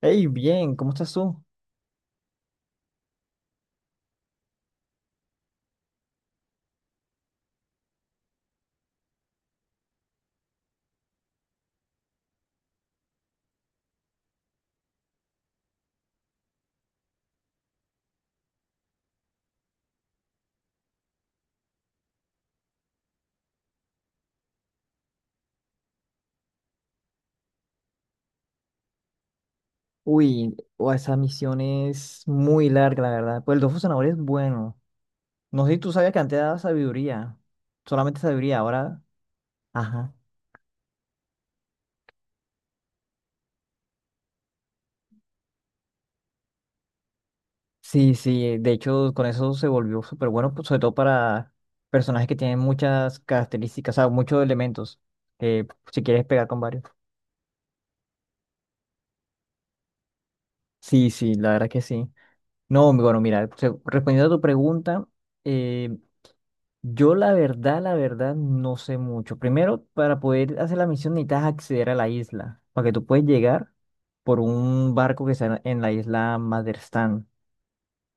Hey, bien, ¿cómo estás tú? Uy, o esa misión es muy larga, la verdad. Pues el Dofus Zanahoria es bueno. No sé si tú sabías que antes daba sabiduría. Solamente sabiduría, ahora. Ajá. Sí, sí, de hecho, con eso se volvió súper bueno, pues, sobre todo para personajes que tienen muchas características, o sea, muchos elementos. Si quieres pegar con varios. Sí, sí, la verdad que sí. No, mi bueno, mira, respondiendo a tu pregunta. eh, Yo la verdad, no sé mucho. Primero, para poder hacer la misión necesitas acceder a la isla, para que tú puedes llegar por un barco que está en la isla Maderstan,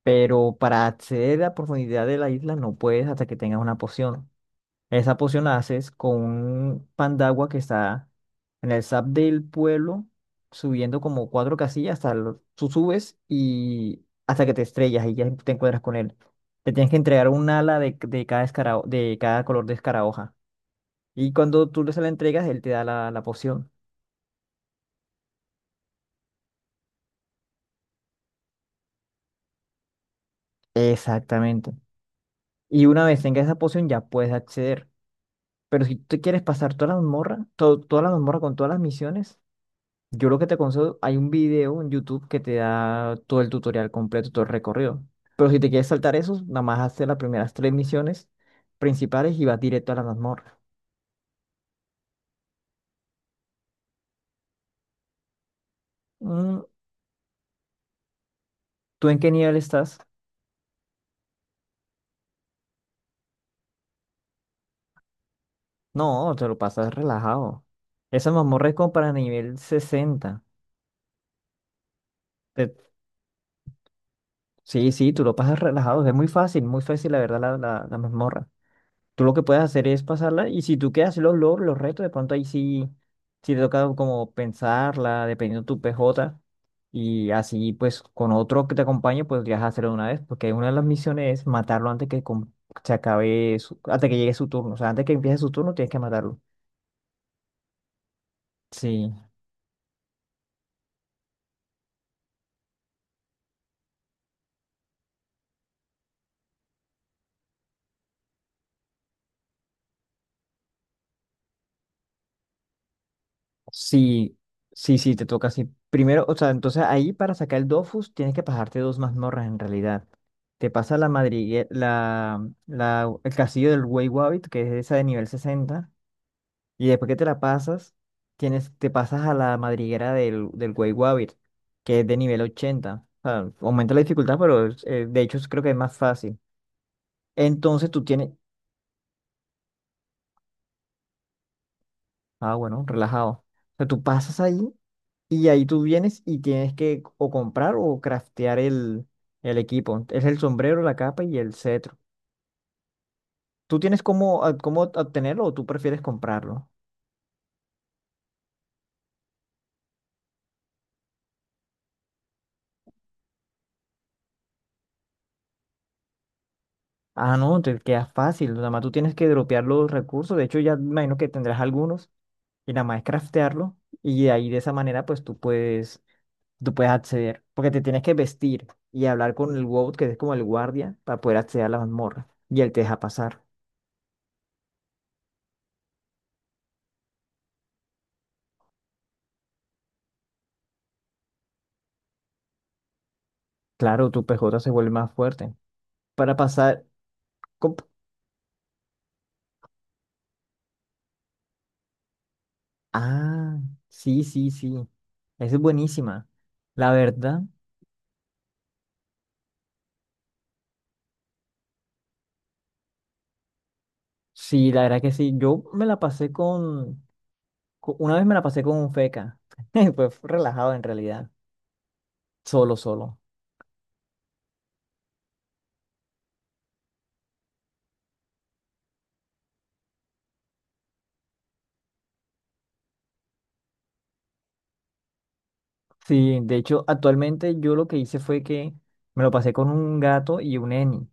pero para acceder a la profundidad de la isla no puedes hasta que tengas una poción. Esa poción la haces con un pan de agua que está en el SAP del pueblo, subiendo como cuatro casillas hasta tú subes y hasta que te estrellas y ya te encuentras con él. Te tienes que entregar un ala de de cada color de escarabajo. Y cuando tú se la entregas, él te da la poción. Exactamente. Y una vez tengas esa poción, ya puedes acceder. Pero si tú te quieres pasar toda la mazmorra, toda la mazmorra con todas las misiones. Yo lo que te aconsejo, hay un video en YouTube que te da todo el tutorial completo, todo el recorrido. Pero si te quieres saltar eso, nada más haces las primeras tres misiones principales y vas directo a la mazmorra. Mm, ¿Tú en qué nivel estás? No, te lo pasas relajado. Esa mazmorra es como para nivel 60. Te- sí, sí, tú lo pasas relajado. Es muy fácil, la verdad, la mazmorra. Tú lo que puedes hacer es pasarla y si tú quieres hacer los logros, los retos, de pronto ahí sí, sí te toca como pensarla, dependiendo de tu PJ. Y así pues con otro que te acompañe podrías hacerlo de una vez, porque una de las misiones es matarlo antes que se acabe hasta que llegue su turno. O sea, antes que empiece su turno tienes que matarlo. Sí. Sí, sí, sí, te toca así. Primero, o sea, entonces ahí para sacar el Dofus tienes que pasarte dos mazmorras en realidad. Te pasa la madriguera, el castillo del Wey Wabbit, que es esa de nivel 60, y después que te la pasas, te pasas a la madriguera del Wey Wabbit, que es de nivel 80. O sea, aumenta la dificultad, pero de hecho creo que es más fácil. Entonces tú tienes... Ah, bueno, relajado. O sea, tú pasas ahí. Y ahí tú vienes y tienes que o comprar o craftear el equipo. Es el sombrero, la capa y el cetro. ¿Tú tienes cómo, cómo obtenerlo o tú prefieres comprarlo? Ah, no, te queda fácil. Nada más tú tienes que dropear los recursos. De hecho, ya me imagino que tendrás algunos y nada más es craftearlo. Y ahí de esa manera, pues tú puedes acceder. Porque te tienes que vestir y hablar con el WOW, que es como el guardia, para poder acceder a la mazmorra. Y él te deja pasar. Claro, tu PJ se vuelve más fuerte. Para pasar. Ah, sí, sí, sí. Esa es buenísima. La verdad, sí, la verdad que sí. Yo me la pasé con, co- Una vez me la pasé con un feca. Fue relajado en realidad. Solo, solo. Sí, de hecho, actualmente yo lo que hice fue que me lo pasé con un gato y un Eni.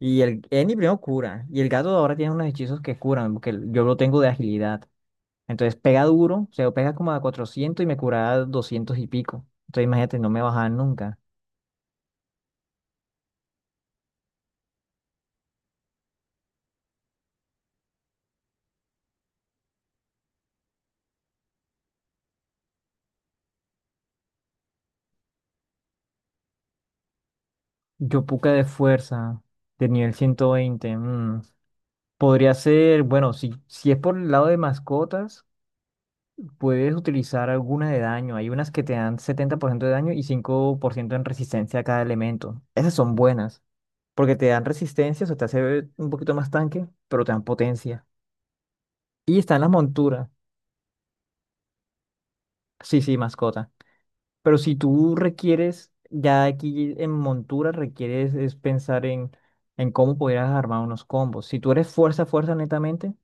Y el Eni primero cura. Y el gato ahora tiene unos hechizos que curan, porque yo lo tengo de agilidad. Entonces pega duro, o sea, pega como a 400 y me cura a 200 y pico. Entonces imagínate, no me bajaban nunca. Yopuka de fuerza, de nivel 120. Mm. Podría ser, bueno, si es por el lado de mascotas, puedes utilizar alguna de daño. Hay unas que te dan 70% de daño y 5% en resistencia a cada elemento. Esas son buenas, porque te dan resistencia, o sea, te hace un poquito más tanque, pero te dan potencia. Y están las monturas. Sí, sí, mascota. Pero si tú requieres, ya aquí en montura requieres es pensar en cómo pudieras armar unos combos. Si tú eres fuerza, fuerza netamente,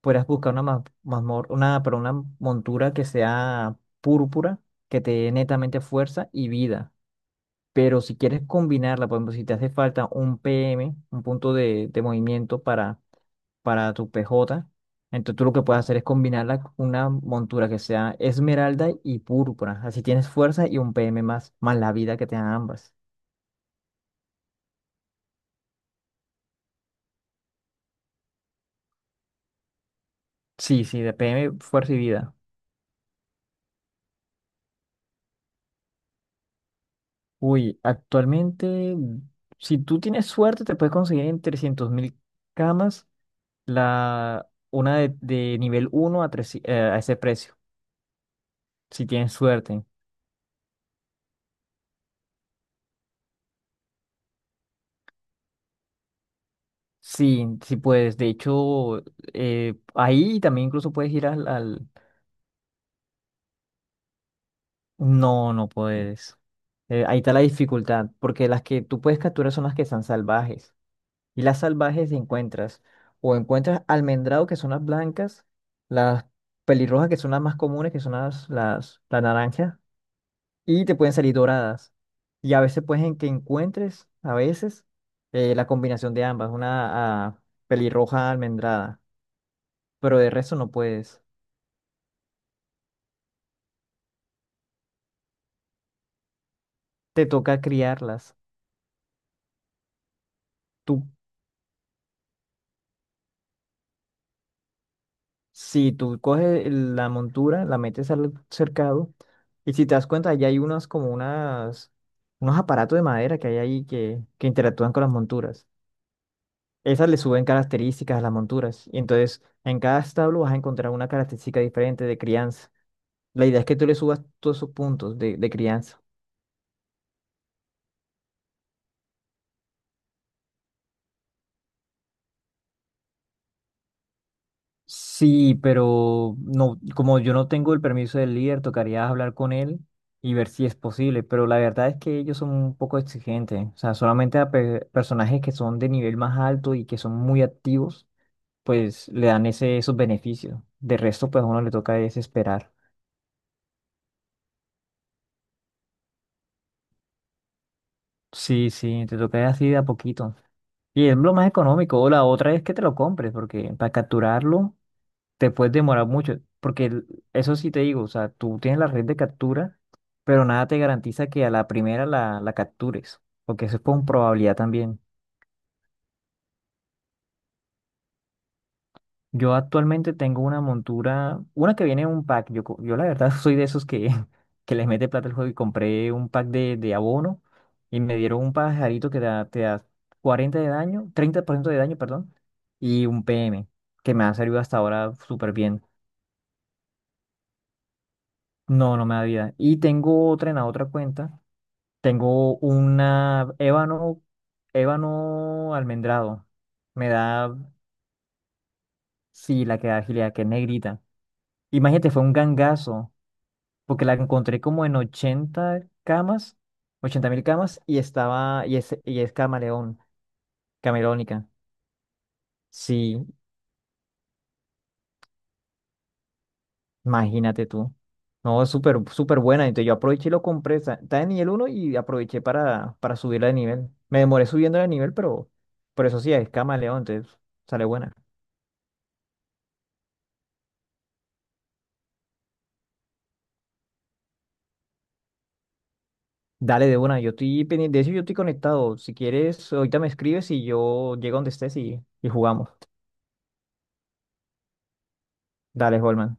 podrías buscar una, ma- mazmor- una, pero una montura que sea púrpura, que te dé netamente fuerza y vida. Pero si quieres combinarla, por ejemplo, si te hace falta un PM, un punto de movimiento para tu PJ. Entonces tú lo que puedes hacer es combinarla con una montura que sea esmeralda y púrpura. Así tienes fuerza y un PM más, más la vida que te dan ambas. Sí, sí, de PM, fuerza y vida. Uy, actualmente, si tú tienes suerte, te puedes conseguir en 300.000 camas una de nivel uno a 3, a ese precio, si tienes suerte. Sí, sí puedes. De hecho, ahí también incluso puedes ir al... No, no puedes. Ahí está la dificultad, porque las que tú puedes capturar son las que están salvajes. Y las salvajes encuentras, o encuentras almendrado, que son las blancas, las pelirrojas, que son las más comunes, que son las naranjas, y te pueden salir doradas. Y a veces pueden que encuentres, a veces, la combinación de ambas, una pelirroja almendrada, pero de resto no puedes. Te toca criarlas. Si tú coges la montura, la metes al cercado, y si te das cuenta, ya hay unos aparatos de madera que hay ahí que interactúan con las monturas. Esas le suben características a las monturas. Y entonces, en cada establo vas a encontrar una característica diferente de crianza. La idea es que tú le subas todos esos puntos de crianza. Sí, pero no, como yo no tengo el permiso del líder, tocaría hablar con él y ver si es posible. Pero la verdad es que ellos son un poco exigentes. O sea, solamente a personajes que son de nivel más alto y que son muy activos, pues le dan esos beneficios. De resto, pues a uno le toca es esperar. Sí, sí, te toca así de a poquito. Y es lo más económico. O la otra es que te lo compres, porque para capturarlo te puedes demorar mucho, porque eso sí te digo, o sea, tú tienes la red de captura, pero nada te garantiza que a la primera la captures, porque eso es con probabilidad también. Yo actualmente tengo una montura, una que viene en un pack, yo la verdad soy de esos que les mete plata al juego y compré un pack de abono y me dieron un pajarito que te da 40 de daño, 30% de daño, perdón, y un PM, que me ha servido hasta ahora súper bien. No, no me da vida. Y tengo otra en la otra cuenta. Tengo una ébano, ébano almendrado. Me da, sí, la que da agilidad, que es negrita. Imagínate, fue un gangazo, porque la encontré como en 80 camas, 80 mil camas, y es camaleón, camerónica. Sí, imagínate tú. No, es súper, súper buena. Entonces yo aproveché y lo compré. Está en nivel uno y aproveché para subirla de nivel. Me demoré subiendo de nivel, pero por eso sí, es camaleón, entonces sale buena. Dale de una, yo estoy pendiente de eso, yo estoy conectado. Si quieres, ahorita me escribes y yo llego donde estés y jugamos. Dale, Holman.